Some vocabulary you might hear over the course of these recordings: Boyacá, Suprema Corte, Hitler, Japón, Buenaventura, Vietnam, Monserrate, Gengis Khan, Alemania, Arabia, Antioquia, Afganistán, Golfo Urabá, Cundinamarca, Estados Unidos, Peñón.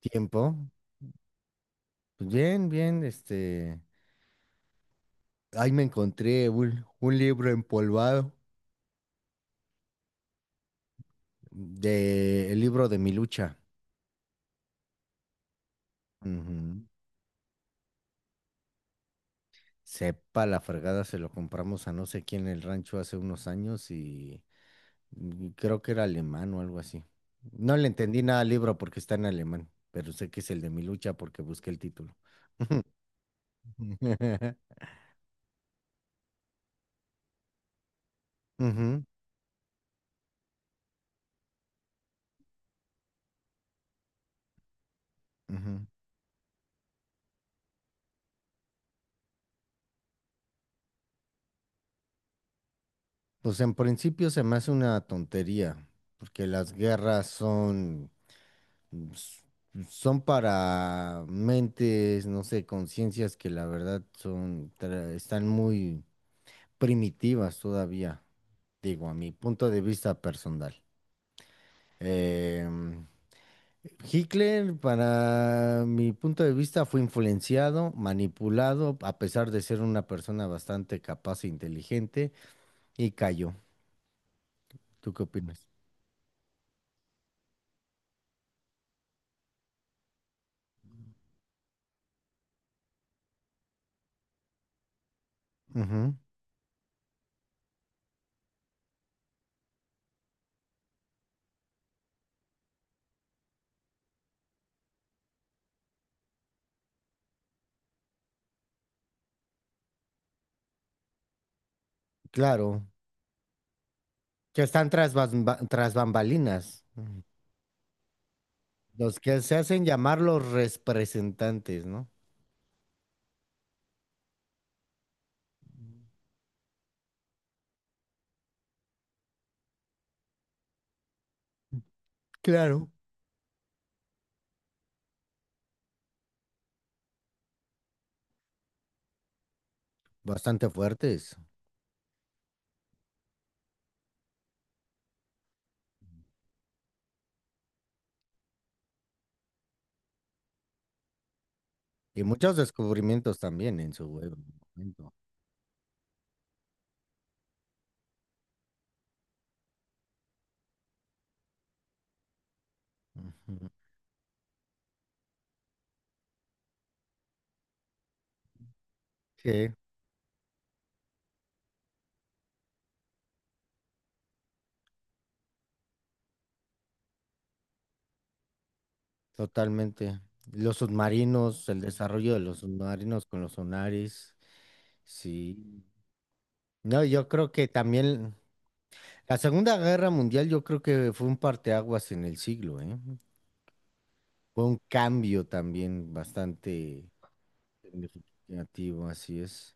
Tiempo. Pues bien, bien, Ahí me encontré un libro empolvado de el libro de mi lucha. Ujú. Sepa la fregada, se lo compramos a no sé quién en el rancho hace unos años y creo que era alemán o algo así. No le entendí nada al libro porque está en alemán, pero sé que es el de mi lucha porque busqué el título. Ujú, ujú. Pues en principio se me hace una tontería, porque las guerras s- son para mentes, no sé, conciencias que la verdad están muy primitivas todavía, digo, a mi punto de vista personal. Em, Hitler, para mi punto de vista, fue influenciado, manipulado, a pesar de ser una persona bastante capaz e inteligente, y cayó. ¿Tú qué opinas? Ujú. Claro, que están tras bambalinas. Los que se hacen llamar los representantes, ¿no? Claro. Bastante fuertes. Y muchos descubrimientos también en su web. Momento. Ujú. Sí, totalmente. Los submarinos, el desarrollo de los submarinos con los sonares. Sí. No, yo creo que también la Segunda Guerra Mundial, yo creo que fue un parteaguas en el siglo, ¿eh? Fue un cambio también bastante significativo, así es.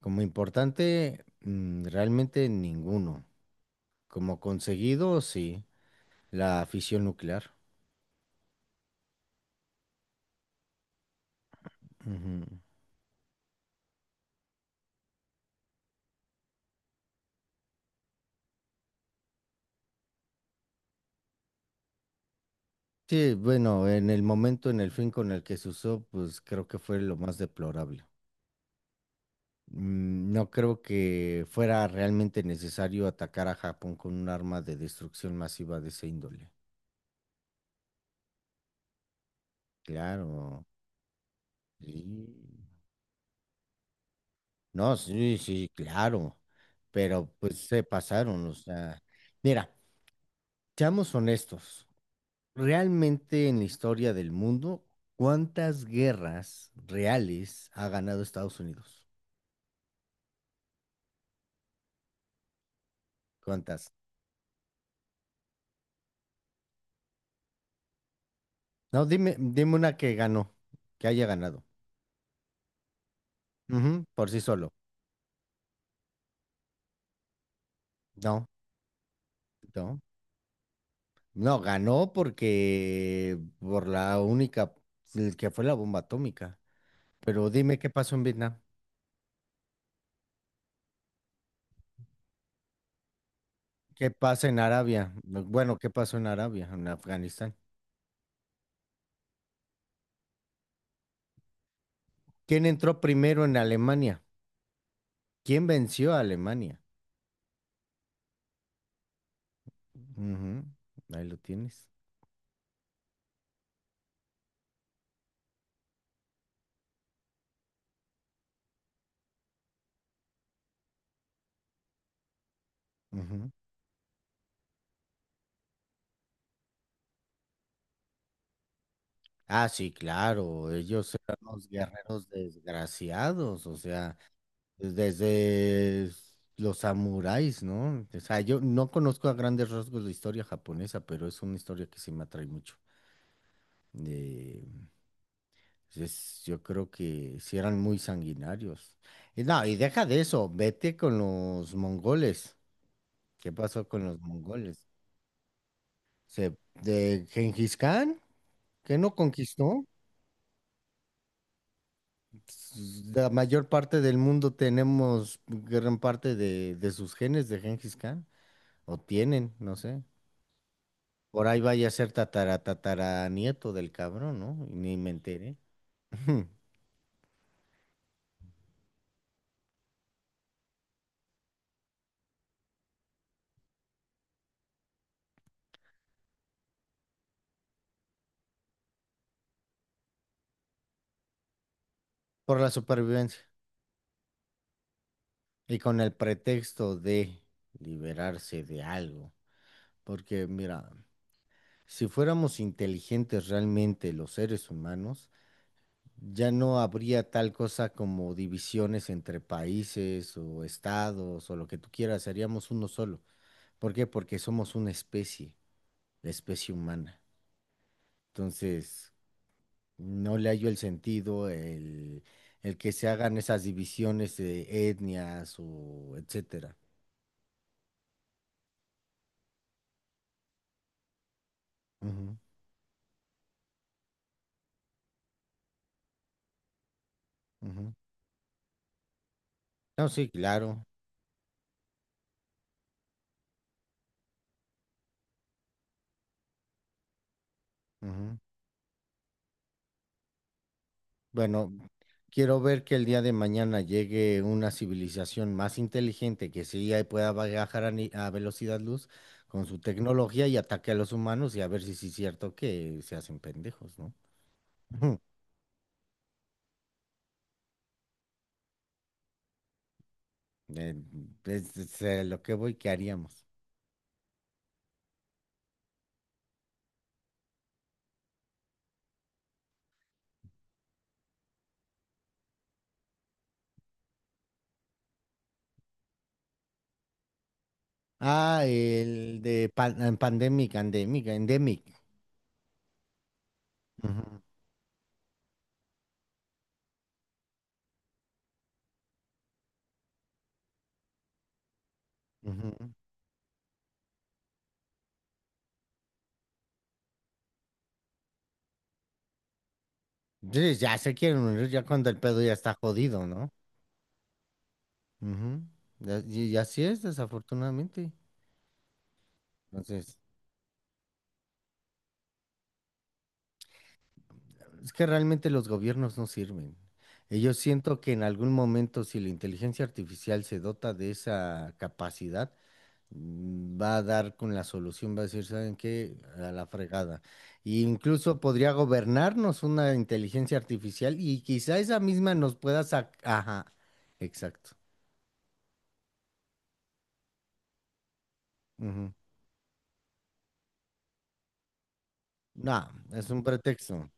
Como importante, realmente ninguno. Como conseguido, sí, la fisión nuclear. Ujú. Sí, bueno, en el momento, en el fin con el que se usó, pues creo que fue lo más deplorable. No creo que fuera realmente necesario atacar a Japón con un arma de destrucción masiva de ese índole. Claro. Sí. No, sí, sí, claro. Pero pues se pasaron, o sea, mira, seamos honestos. Realmente en la historia del mundo, ¿cuántas guerras reales ha ganado Estados Unidos? ¿Cuántas? No, dime una que ganó, que haya ganado. Ujú, por sí solo. No, no. No, ganó porque por la única, el que fue la bomba atómica. Pero dime qué pasó en Vietnam, qué pasa en Arabia. Bueno, ¿qué pasó en Arabia, en Afganistán? ¿Quién entró primero en Alemania? ¿Quién venció a Alemania? Ujú, ahí lo tienes. Ujú. Ah, sí, claro, ellos eran los guerreros desgraciados, o sea, desde los samuráis, ¿no? O sea, yo no conozco a grandes rasgos la historia japonesa, pero es una historia que sí me atrae mucho. Eh, yo creo que sí eran muy sanguinarios. Y no, y deja de eso, vete con los mongoles. ¿Qué pasó con los mongoles? Se, ¿de Gengis Khan, que no conquistó? La mayor parte del mundo tenemos gran parte de sus genes de Gengis Khan, o tienen, no sé. Por ahí vaya a ser tatara, tatara nieto del cabrón, ¿no? Y ni me enteré. Por la supervivencia. Y con el pretexto de liberarse de algo. Porque, mira, si fuéramos inteligentes realmente los seres humanos, ya no habría tal cosa como divisiones entre países o estados o lo que tú quieras, seríamos uno solo. ¿Por qué? Porque somos una especie, la especie humana. Entonces, no le hallo el sentido, el que se hagan esas divisiones de etnias o etcétera. Ujú, ujú. No, sí, claro. Ujú. Bueno, quiero ver que el día de mañana llegue una civilización más inteligente que sí ahí pueda viajar a, ni- a velocidad luz con su tecnología y ataque a los humanos y a ver si sí es cierto que se hacen pendejos, ¿no? Eh, lo que voy, ¿qué haríamos? Ah, el de pandemic, endemic. Ujú, ujú. Sí, ya se quieren unir ya cuando el pedo ya está jodido, ¿no? Ujú. Y así es, desafortunadamente. Entonces, es que realmente los gobiernos no sirven. Y yo siento que en algún momento, si la inteligencia artificial se dota de esa capacidad, va a dar con la solución, va a decir, ¿saben qué? A la fregada. E incluso podría gobernarnos una inteligencia artificial y quizá esa misma nos pueda sacar. Ajá, exacto. Ujú. No, es un pretexto.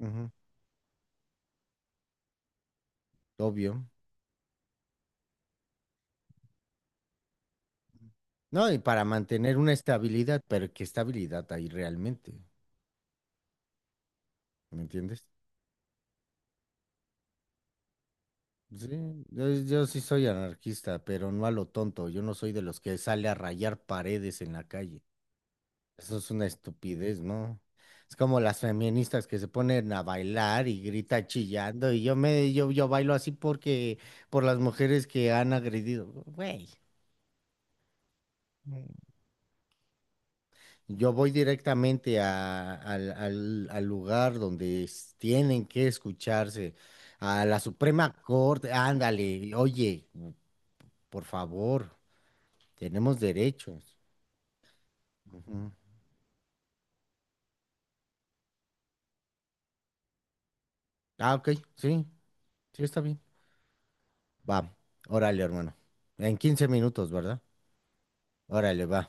Ujú. Obvio. No, y para mantener una estabilidad, pero ¿qué estabilidad hay realmente? ¿Me entiendes? Sí, yo sí soy anarquista, pero no a lo tonto. Yo no soy de los que sale a rayar paredes en la calle. Eso es una estupidez, ¿no? Es como las feministas que se ponen a bailar y grita chillando y yo me yo yo bailo así porque por las mujeres que han agredido, güey. Yo voy directamente al lugar donde tienen que escucharse, a la Suprema Corte, ándale, oye, por favor, tenemos derechos. Ujú. Ah, ok, sí, sí está bien. Va, órale, hermano. En 15 minutos, ¿verdad? Órale, va.